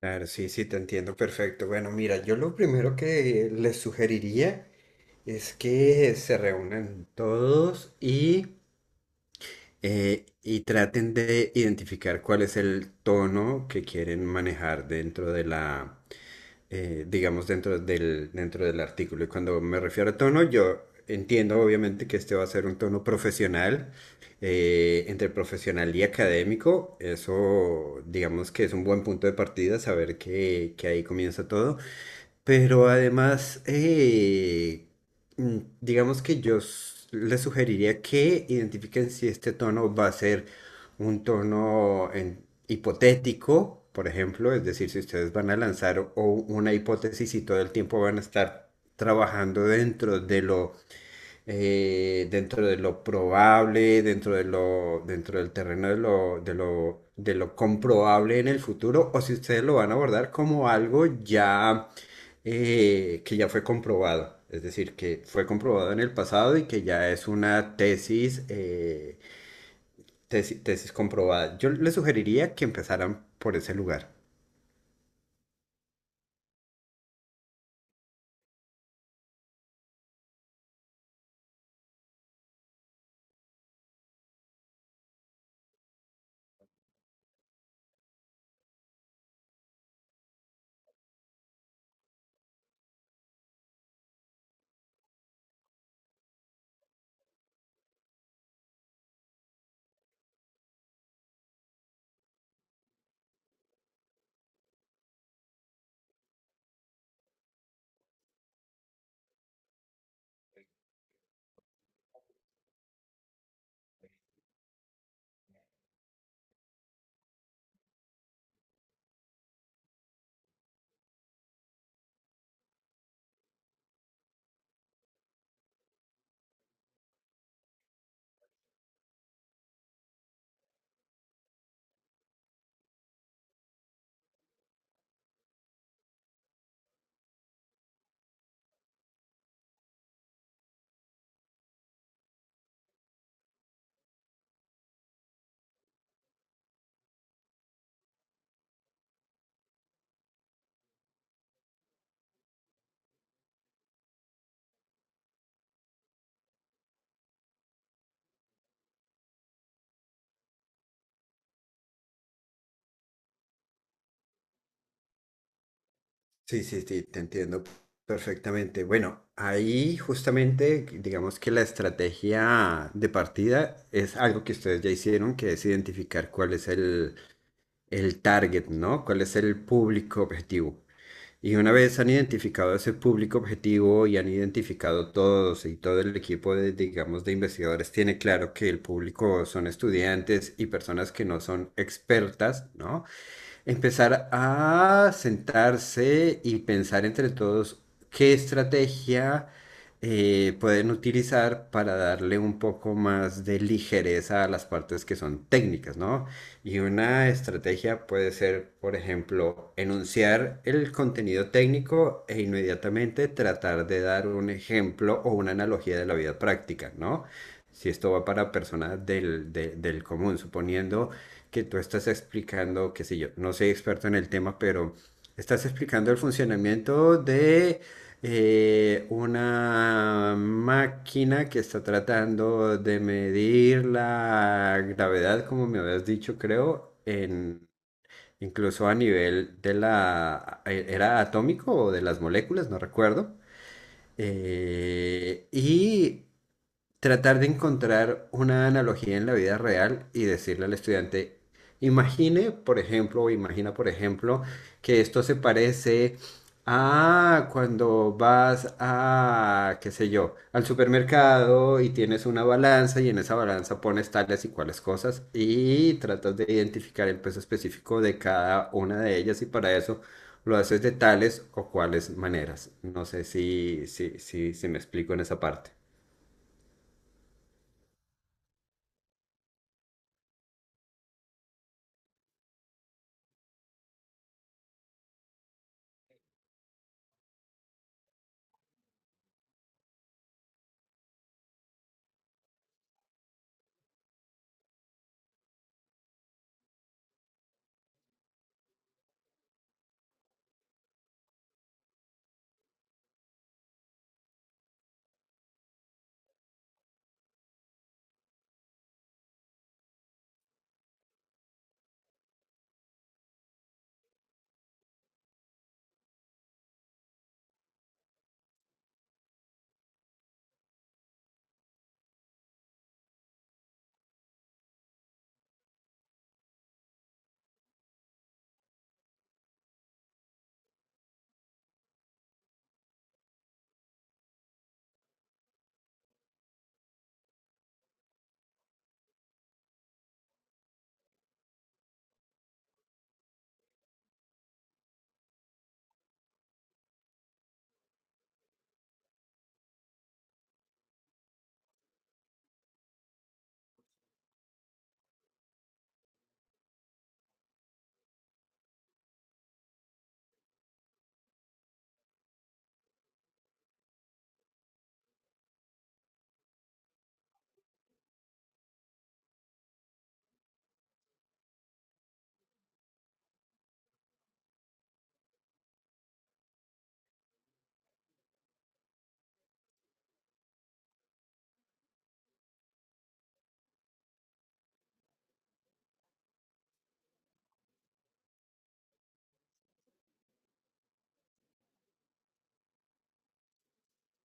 Claro, sí, sí, te entiendo perfecto. Bueno, mira, yo lo primero que les sugeriría es que se reúnan todos y y traten de identificar cuál es el tono que quieren manejar dentro de la, digamos, dentro del artículo. Y cuando me refiero a tono, yo entiendo obviamente que este va a ser un tono profesional, entre profesional y académico. Eso, digamos que es un buen punto de partida, saber que ahí comienza todo. Pero además, digamos que les sugeriría que identifiquen si este tono va a ser un tono hipotético, por ejemplo, es decir, si ustedes van a lanzar o una hipótesis y todo el tiempo van a estar trabajando dentro de lo, dentro de lo probable, dentro de dentro del terreno de de lo comprobable en el futuro, o si ustedes lo van a abordar como algo ya que ya fue comprobado, es decir, que fue comprobado en el pasado y que ya es una tesis, tesis comprobada. Yo les sugeriría que empezaran por ese lugar. Sí, sí, sí, te entiendo perfectamente. Bueno, ahí justamente digamos que la estrategia de partida es algo que ustedes ya hicieron, que es identificar cuál es el target, ¿no? ¿Cuál es el público objetivo? Y una vez han identificado ese público objetivo y han identificado todos y todo el equipo de, digamos, de investigadores tiene claro que el público son estudiantes y personas que no son expertas, ¿no? Empezar a sentarse y pensar entre todos qué estrategia pueden utilizar para darle un poco más de ligereza a las partes que son técnicas, ¿no? Y una estrategia puede ser, por ejemplo, enunciar el contenido técnico e inmediatamente tratar de dar un ejemplo o una analogía de la vida práctica, ¿no? Si esto va para personas del común, suponiendo que tú estás explicando, qué sé yo, no soy experto en el tema, pero estás explicando el funcionamiento de una máquina que está tratando de medir la gravedad, como me habías dicho, creo, en, incluso a nivel de la, ¿era atómico o de las moléculas? No recuerdo. Y tratar de encontrar una analogía en la vida real y decirle al estudiante, imagine, por ejemplo, o imagina, por ejemplo, que esto se parece a cuando vas a, qué sé yo, al supermercado y tienes una balanza y en esa balanza pones tales y cuales cosas y tratas de identificar el peso específico de cada una de ellas y para eso lo haces de tales o cuales maneras. No sé si me explico en esa parte.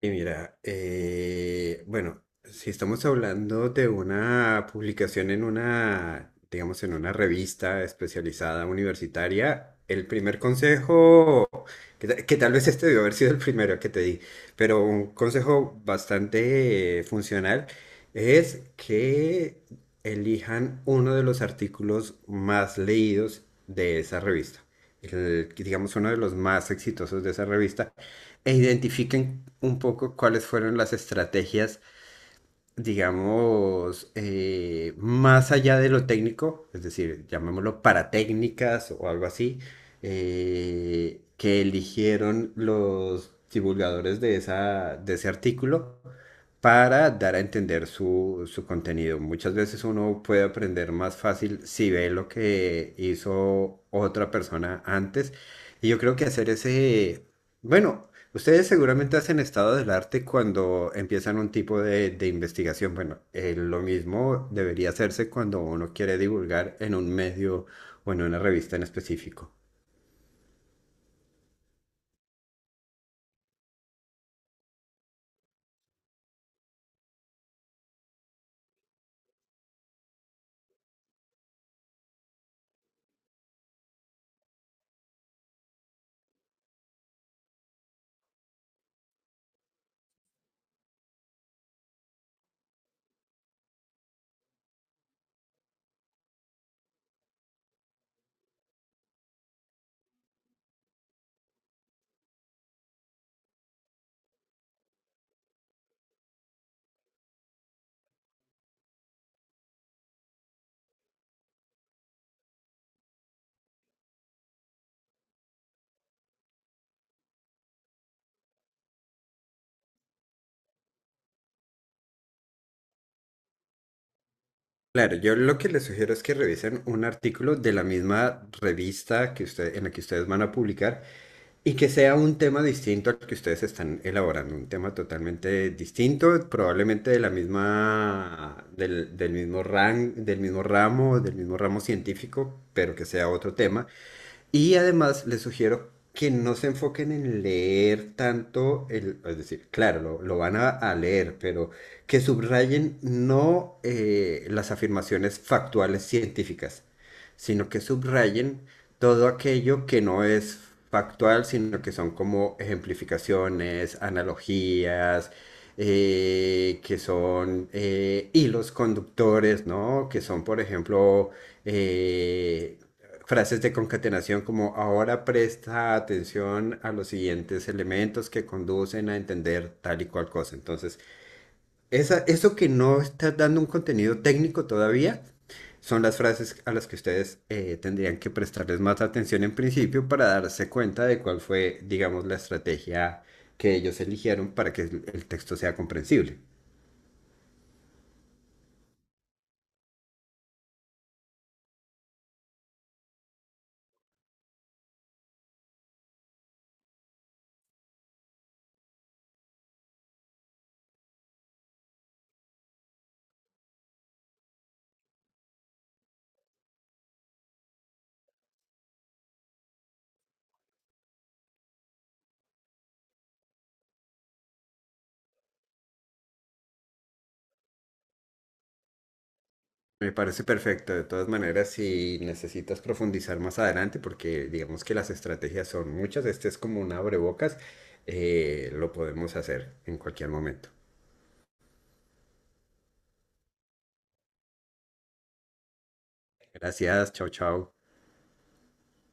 Y mira, bueno, si estamos hablando de una publicación en una, digamos, en una revista especializada universitaria, el primer consejo que tal vez este debió haber sido el primero que te di, pero un consejo bastante funcional es que elijan uno de los artículos más leídos de esa revista, digamos uno de los más exitosos de esa revista, e identifiquen un poco cuáles fueron las estrategias digamos, más allá de lo técnico, es decir, llamémoslo paratécnicas o algo así, que eligieron los divulgadores de esa, de ese artículo para dar a entender su contenido. Muchas veces uno puede aprender más fácil si ve lo que hizo otra persona antes. Y yo creo que hacer ese, bueno, ustedes seguramente hacen estado del arte cuando empiezan un tipo de investigación. Bueno, lo mismo debería hacerse cuando uno quiere divulgar en un medio o en una revista en específico. Claro, yo lo que les sugiero es que revisen un artículo de la misma revista que usted, en la que ustedes van a publicar. Y que sea un tema distinto al que ustedes están elaborando, un tema totalmente distinto, probablemente de la misma, del mismo del mismo ramo científico, pero que sea otro tema y además les sugiero que no se enfoquen en leer tanto, el, es decir, claro, lo van a leer, pero que subrayen no las afirmaciones factuales científicas, sino que subrayen todo aquello que no es factual, sino que son como ejemplificaciones, analogías, que son hilos conductores, ¿no? Que son, por ejemplo, eh, frases de concatenación como ahora presta atención a los siguientes elementos que conducen a entender tal y cual cosa. Entonces, eso que no está dando un contenido técnico todavía son las frases a las que ustedes tendrían que prestarles más atención en principio para darse cuenta de cuál fue, digamos, la estrategia que ellos eligieron para que el texto sea comprensible. Me parece perfecto. De todas maneras, si necesitas profundizar más adelante, porque digamos que las estrategias son muchas, este es como un abrebocas, lo podemos hacer en cualquier momento. Gracias, chao, chao.